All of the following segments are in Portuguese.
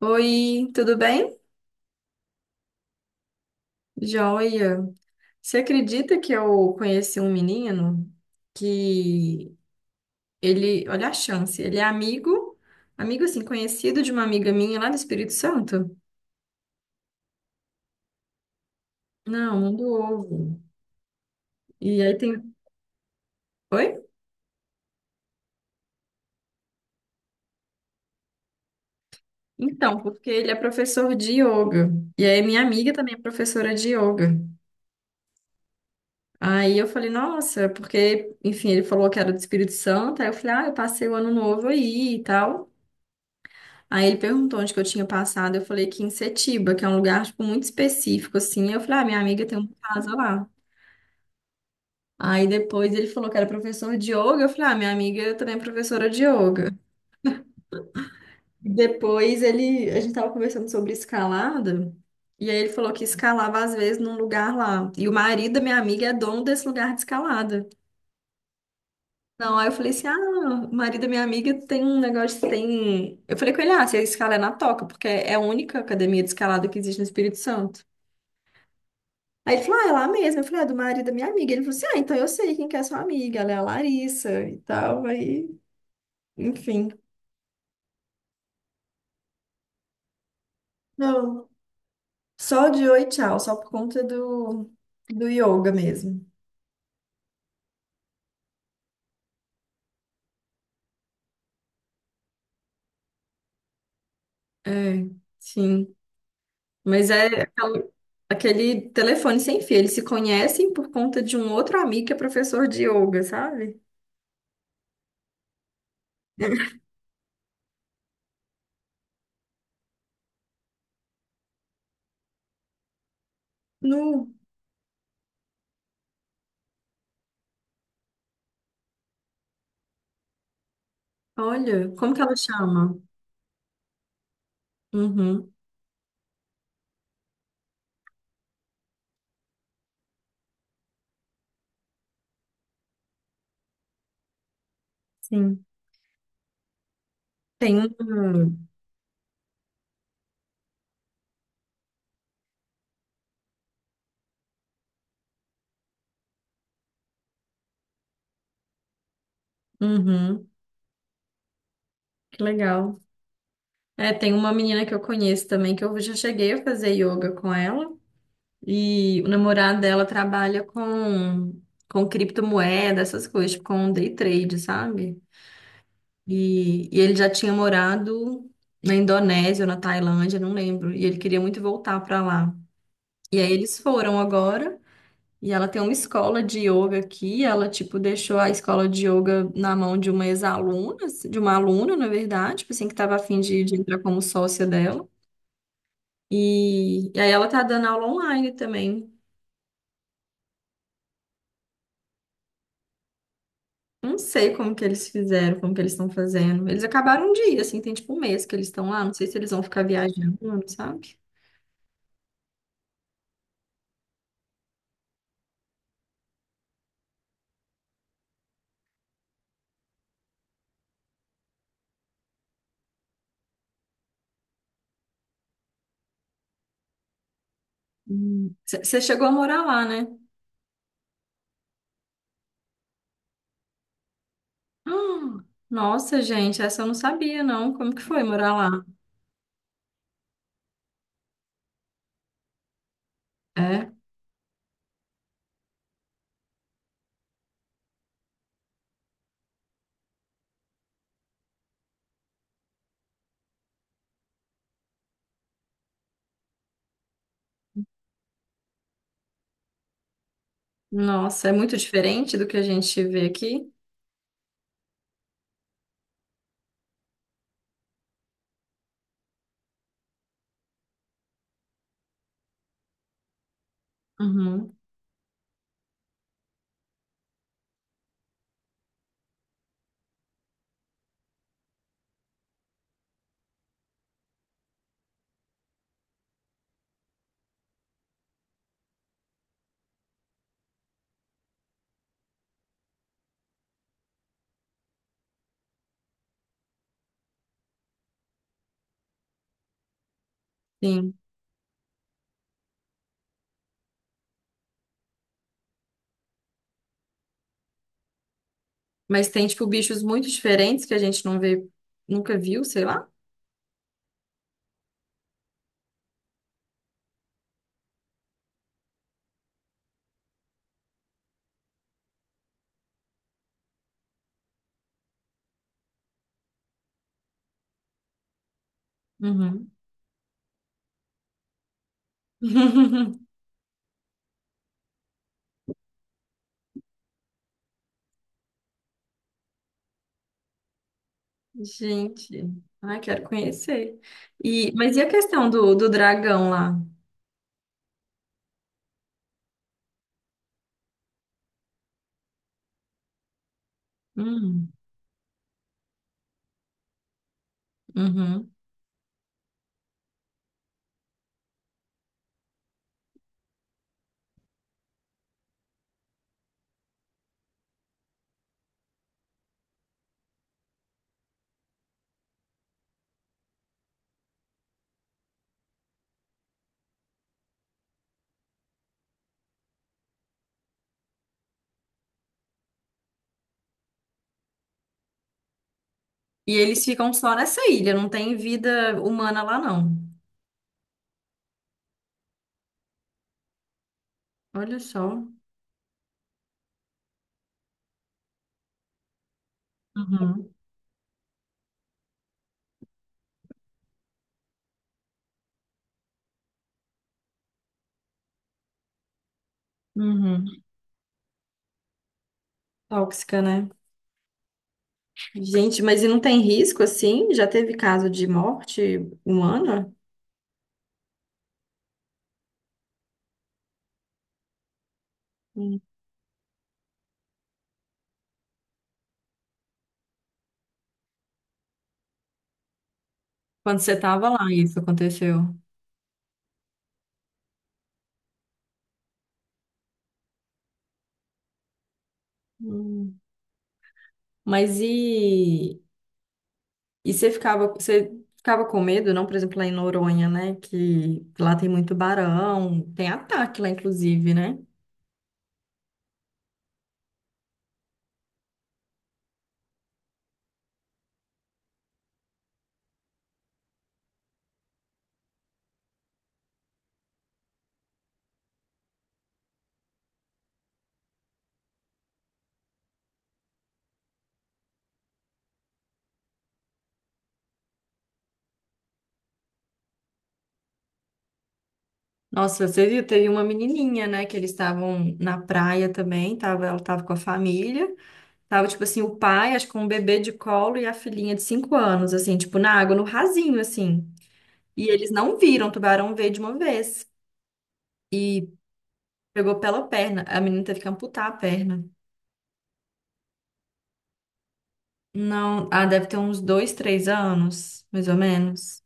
Oi, tudo bem? Joia. Você acredita que eu conheci um menino que ele, olha a chance, ele é amigo, amigo assim, conhecido de uma amiga minha lá do Espírito Santo? Não, não do ovo. E aí tem, Oi? Então, porque ele é professor de yoga. E aí minha amiga também é professora de yoga. Aí eu falei, nossa, porque, enfim, ele falou que era do Espírito Santo. Aí eu falei, ah, eu passei o ano novo aí e tal. Aí ele perguntou onde que eu tinha passado, eu falei que em Setiba, que é um lugar, tipo, muito específico, assim. Eu falei, ah, minha amiga tem uma casa lá. Aí depois ele falou que era professor de yoga, eu falei, ah, minha amiga também é professora de yoga. Depois ele, a gente tava conversando sobre escalada, e aí ele falou que escalava às vezes num lugar lá. E o marido da minha amiga é dono desse lugar de escalada. Não, aí eu falei assim, ah, o marido da minha amiga tem um negócio. Eu falei com ele, ah, você escala é na Toca, porque é a única academia de escalada que existe no Espírito Santo. Aí ele falou, ah, é lá mesmo. Eu falei, ah, é do marido da minha amiga. Ele falou assim, ah, então eu sei quem que é sua amiga, ela é a Larissa e tal. Aí, enfim. Não, só de oi, tchau, só por conta do yoga mesmo. É, sim. Mas é aquele telefone sem fio. Eles se conhecem por conta de um outro amigo que é professor de yoga, sabe? Nu, olha, como que ela chama? Uhum, sim. Tem um. Uhum, que legal. É, tem uma menina que eu conheço também, que eu já cheguei a fazer yoga com ela, e o namorado dela trabalha com, criptomoeda, essas coisas, tipo, com day trade, sabe? E ele já tinha morado na Indonésia ou na Tailândia, não lembro, e ele queria muito voltar pra lá. E aí eles foram agora, e ela tem uma escola de yoga aqui, ela, tipo, deixou a escola de yoga na mão de uma ex-aluna, de uma aluna, na verdade, tipo assim, que tava a fim de entrar como sócia dela. E aí ela tá dando aula online também. Não sei como que eles fizeram, como que eles estão fazendo. Eles acabaram um dia, assim, tem tipo um mês que eles estão lá. Não sei se eles vão ficar viajando, sabe? Hum. Você chegou a morar lá, né? Ah, nossa, gente, essa eu não sabia, não. Como que foi morar lá? É? Nossa, é muito diferente do que a gente vê aqui? Uhum, sim. Mas tem, tipo, bichos muito diferentes que a gente não vê, nunca viu, sei lá. Uhum. Gente, ai, quero conhecer. E, mas e a questão do, do dragão lá? Hum, uhum. E eles ficam só nessa ilha, não tem vida humana lá, não. Olha só. Uhum, uhum. Tóxica, né? Gente, mas e não tem risco assim? Já teve caso de morte humana? Hum. Quando você tava lá, isso aconteceu. Hum. Mas você ficava com medo, não? Por exemplo, lá em Noronha, né? Que lá tem muito barão, tem ataque lá, inclusive, né? Nossa, você viu? Teve uma menininha, né? Que eles estavam na praia também, tava, ela tava com a família. Tava, tipo assim, o pai, acho que com um bebê de colo e a filhinha de 5 anos, assim, tipo, na água, no rasinho, assim. E eles não viram, o tubarão veio de uma vez. Pegou pela perna. A menina teve que amputar a perna. Não, ah, deve ter uns 2, 3 anos, mais ou menos.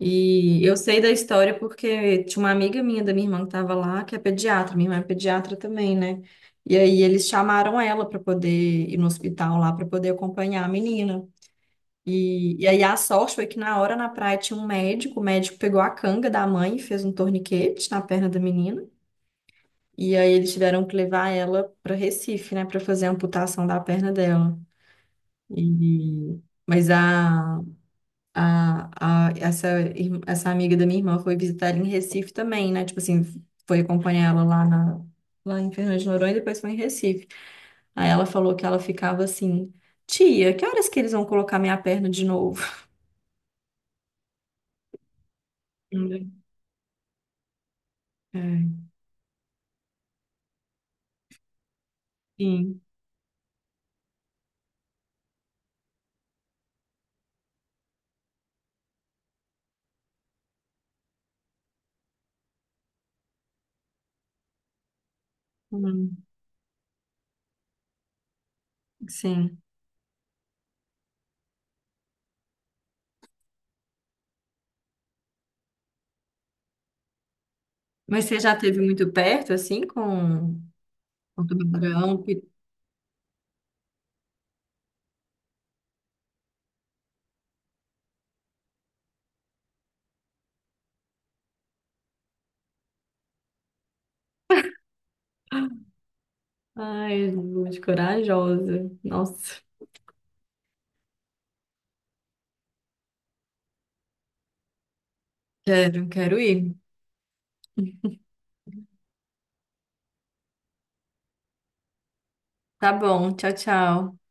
E eu sei da história porque tinha uma amiga minha da minha irmã que tava lá, que é pediatra. Minha irmã é pediatra também, né? E aí eles chamaram ela para poder ir no hospital lá para poder acompanhar a menina. E aí a sorte foi que na hora na praia tinha um médico, o médico pegou a canga da mãe e fez um torniquete na perna da menina. E aí eles tiveram que levar ela para Recife, né, para fazer a amputação da perna dela. E mas essa amiga da minha irmã foi visitar ela em Recife também, né? Tipo assim, foi acompanhar ela lá na lá em Fernando de Noronha e depois foi em Recife. Aí ela falou que ela ficava assim, tia, que horas que eles vão colocar minha perna de novo? É. Sim. Hum, sim. Mas você já teve muito perto, assim, com o tubarão? Que... Ai, gente, corajosa. Nossa, quero, quero ir. Tá bom, tchau, tchau.